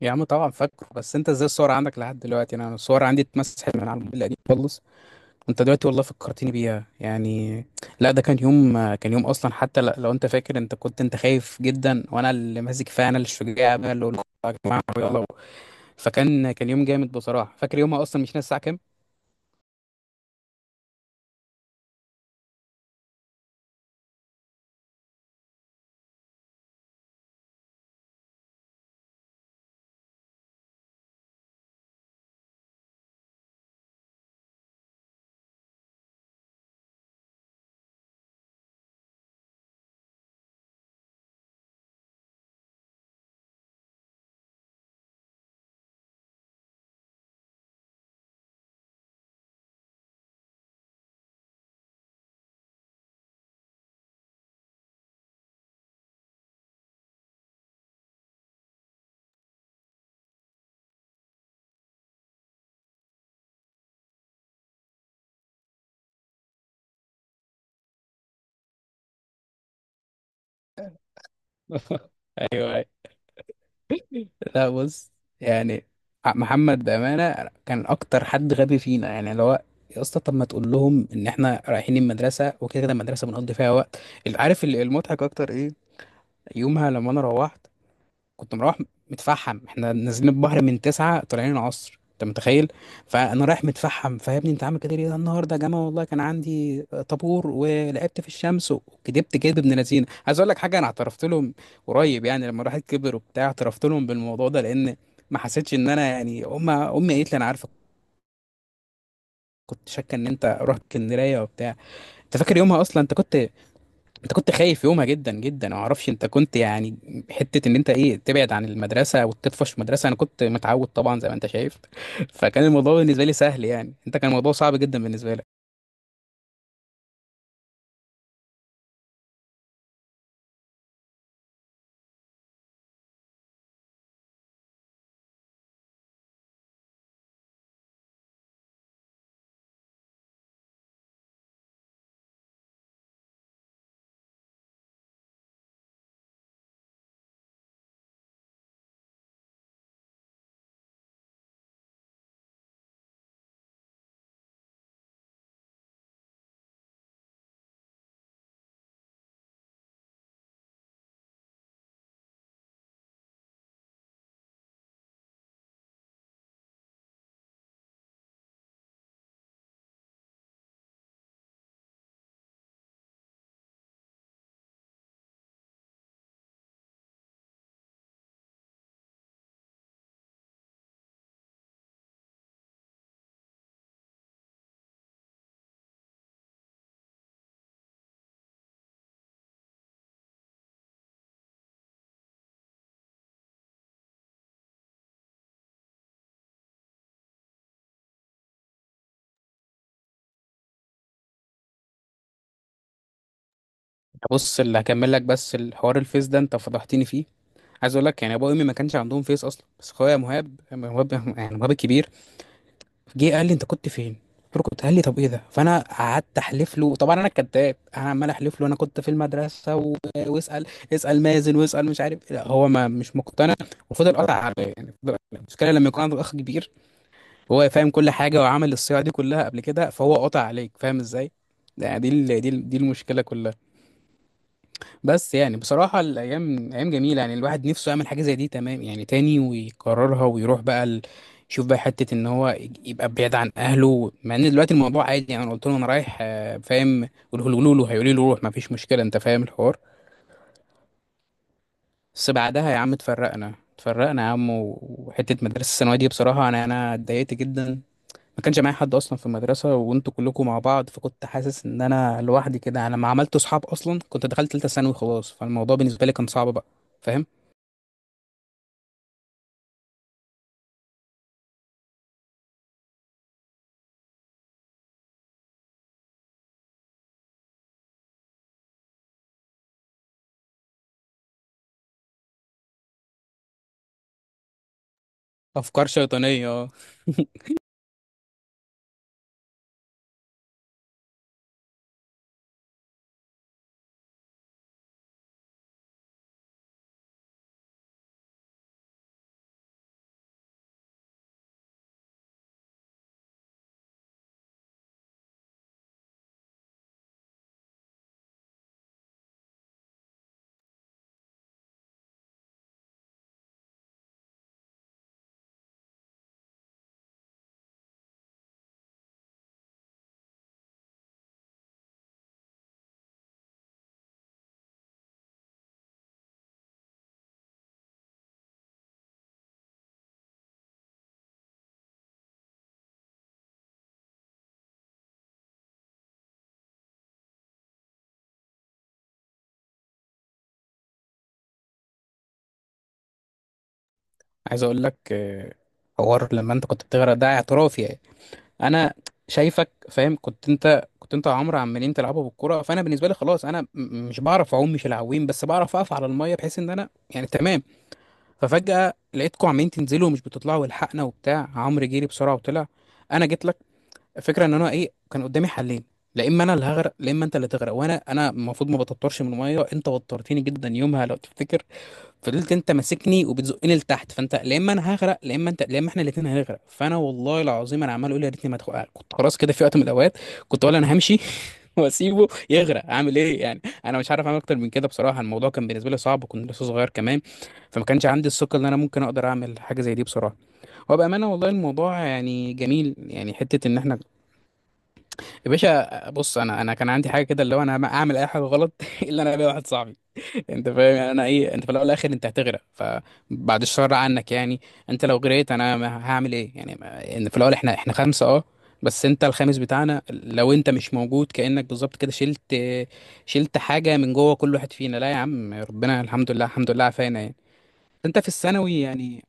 يا عم طبعا فاكره. بس انت ازاي الصور عندك لحد دلوقتي؟ انا الصور عندي اتمسحت من على الموبايل القديم خالص. انت دلوقتي والله فكرتني بيها يعني. لا، ده كان يوم اصلا، حتى لو انت فاكر، انت كنت خايف جدا، وانا اللي ماسك فيها، انا اللي الشجاع، انا اللي قلت يا جماعه يلا. فكان يوم جامد بصراحه. فاكر يومها اصلا، مش ناسي الساعه كام. ايوه. لا بص، يعني محمد بأمانة كان أكتر حد غبي فينا، يعني لو... يا اسطى، طب ما تقول لهم إن إحنا رايحين المدرسة، وكده كده المدرسة بنقضي فيها وقت. اللي عارف المضحك أكتر إيه؟ يومها لما أنا روحت كنت مروح متفحم، احنا نازلين البحر من تسعة طالعين العصر، انت متخيل؟ فانا رايح متفحم، فيا انت عامل كده ليه النهارده يا جماعه؟ والله كان عندي طابور ولعبت في الشمس، وكدبت كدب ابن لذينه. عايز اقول لك حاجه، انا اعترفت لهم قريب، يعني لما الواحد كبر وبتاع اعترفت لهم بالموضوع ده، لان ما حسيتش ان انا، يعني امي قالت لي انا عارفه، كنت شاكه ان انت رحت اسكندريه وبتاع. انت فاكر يومها اصلا؟ انت كنت خايف يومها جدا جدا، ما اعرفش، انت كنت يعني حته ان انت ايه، تبعد عن المدرسه وتطفش مدرسه. انا كنت متعود طبعا زي ما انت شايف. فكان الموضوع بالنسبه لي سهل، يعني انت كان الموضوع صعب جدا بالنسبه لك. بص، اللي هكمل لك بس، الحوار الفيس ده انت فضحتني فيه. عايز اقول لك، يعني ابويا وامي ما كانش عندهم فيس اصلا، بس اخويا مهاب، يعني مهاب الكبير، جه قال لي انت كنت فين؟ قلت له كنت، قال لي طب ايه ده؟ فانا قعدت احلف له طبعا، انا الكذاب، انا عمال احلف له انا كنت في المدرسه و... واسال اسال مازن واسال، مش عارف، لا هو ما مش مقتنع، وفضل قطع عليا، يعني المشكله لما يكون عندك اخ كبير، هو فاهم كل حاجه وعمل الصياعه دي كلها قبل كده، فهو قطع عليك فاهم ازاي. يعني دي المشكله كلها. بس يعني بصراحة الأيام أيام جميلة، يعني الواحد نفسه يعمل حاجة زي دي تمام، يعني تاني ويكررها، ويروح بقى يشوف بقى حتة إن هو يبقى بعيد عن أهله، مع إن دلوقتي الموضوع عادي، يعني أنا قلت له أنا رايح فاهم؟ قولوا له، هيقولي له روح مفيش مشكلة أنت فاهم الحوار. بس بعدها يا عم اتفرقنا، اتفرقنا يا عم، وحتة مدرسة الثانوية دي، بصراحة أنا اتضايقت جدا. ما كانش معايا حد أصلا في المدرسة وأنتوا كلكم مع بعض، فكنت حاسس إن أنا لوحدي كده، أنا ما عملت صحاب أصلا، كنت دخلت تالتة ثانوي خلاص، فالموضوع بالنسبة لي كان صعب بقى، فاهم. افكار شيطانيه اه. عايز اقول لك حوار لما انت كنت بتغرق ده، اعترافي يعني. انا شايفك فاهم، كنت انت وعمرو عمالين تلعبوا بالكوره، فانا بالنسبه لي خلاص، انا مش بعرف اعوم، مش العويم، بس بعرف اقف على الميه بحيث ان انا يعني تمام. ففجاه لقيتكم عمالين تنزلوا ومش بتطلعوا، والحقنا وبتاع، عمرو جري بسرعه وطلع، انا جيت لك. الفكره ان انا ايه، كان قدامي حلين، لا اما انا اللي هغرق، لا اما انت اللي تغرق، وانا المفروض ما بتطرش من الميه، انت وترتني جدا يومها لو تفتكر. فضلت انت ماسكني وبتزقني لتحت، فانت لا اما انا هغرق، لا اما انت، لا اما احنا الاثنين هنغرق، فانا والله العظيم انا عمال اقول يا ريتني ما ادخل، كنت خلاص كده في وقت من الاوقات كنت اقول انا همشي. واسيبه يغرق، اعمل ايه يعني، انا مش عارف اعمل اكتر من كده بصراحه، الموضوع كان بالنسبه لي صعب، وكنت لسه صغير كمان، فما كانش عندي الثقه ان انا ممكن اقدر اعمل حاجه زي دي بصراحه. وبامانه والله الموضوع يعني جميل، يعني حته ان احنا... يا باشا بص، انا كان عندي حاجه كده، اللي هو انا ما اعمل اي حاجه غلط الا انا، بقى واحد صاحبي انت فاهم، يعني انا ايه، انت في الاول والاخر انت هتغرق، فبعد الشر عنك يعني، انت لو غرقت انا ما هعمل ايه يعني، ان في الاول احنا خمسه اه، بس انت الخامس بتاعنا، لو انت مش موجود كانك بالظبط كده شلت حاجه من جوه كل واحد فينا. لا يا عم، ربنا الحمد لله، الحمد لله عافانا يعني. انت في الثانوي يعني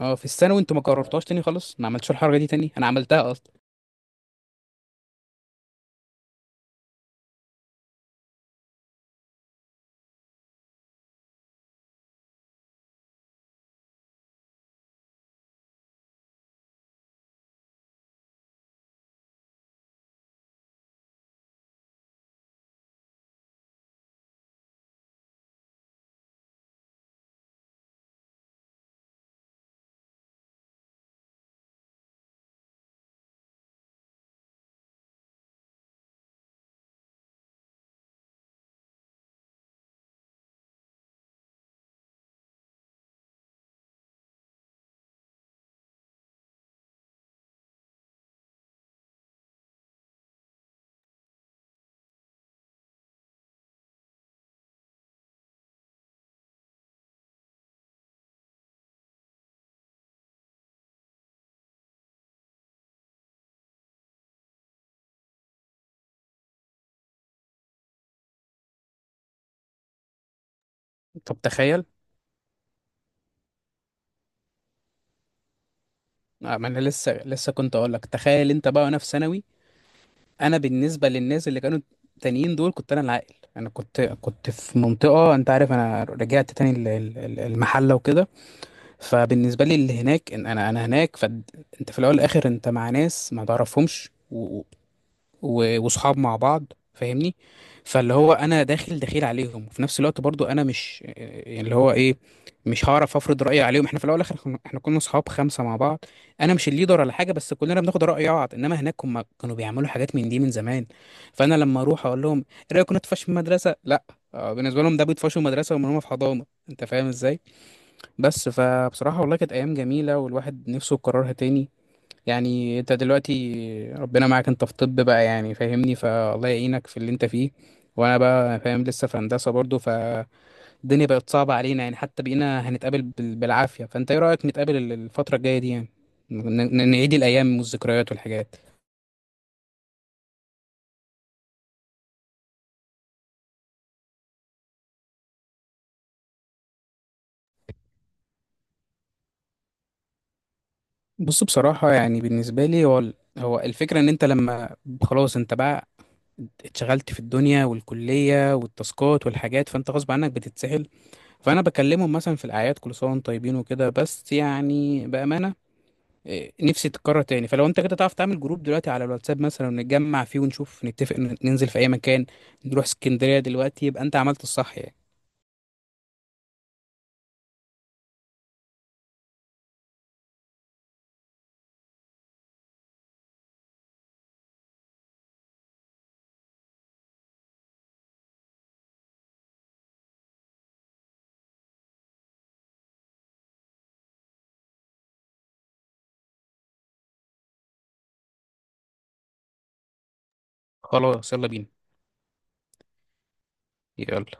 اه، في الثانوي انتوا ما كررتهاش تاني خلاص، ما عملتش الحركه دي تاني، انا عملتها اصلا. طب تخيل ما انا لسه كنت اقول لك تخيل، انت بقى وانا في ثانوي. انا بالنسبه للناس اللي كانوا تانيين دول، كنت انا العاقل، انا كنت في منطقه، انت عارف انا رجعت تاني المحله وكده. فبالنسبه لي اللي هناك، إن انا هناك، فانت في الاول والاخر انت مع ناس ما تعرفهمش، وصحاب مع بعض، فاهمني. فاللي هو انا داخل دخيل عليهم، وفي نفس الوقت برضو انا مش يعني اللي هو ايه، مش هعرف افرض رايي عليهم، احنا في الاول والاخر احنا كنا صحاب خمسه مع بعض. انا مش الليدر ولا حاجه، بس كلنا بناخد راي بعض، انما هناك هم كانوا بيعملوا حاجات من دي من زمان. فانا لما اروح اقول لهم ايه رايكم ندفش في المدرسه، لا بالنسبه لهم ده بيطفشوا المدرسه، وهم في حضانه، انت فاهم ازاي. بس فبصراحه والله كانت ايام جميله، والواحد نفسه يكررها تاني. يعني انت دلوقتي ربنا معاك انت في طب بقى، يعني فاهمني، فالله يعينك في اللي انت فيه، وانا بقى فاهم لسه في هندسة برضه. فالدنيا بقت صعبة علينا، يعني حتى بقينا هنتقابل بالعافية، فانت ايه رأيك نتقابل الفترة الجاية دي يعني، نعيد الايام والذكريات والحاجات؟ بص بصراحة، يعني بالنسبة لي هو هو الفكرة ان انت لما خلاص انت بقى اتشغلت في الدنيا والكلية والتاسكات والحاجات، فانت غصب عنك بتتسحل. فانا بكلمهم مثلا في الاعياد كل سنه وانتم طيبين وكده، بس يعني بامانه نفسي تتكرر تاني. فلو انت كده تعرف تعمل جروب دلوقتي على الواتساب مثلا، ونتجمع فيه ونشوف، نتفق ننزل في اي مكان، نروح اسكندريه دلوقتي يبقى انت عملت الصح يعني. خلاص يلا بينا. يلا.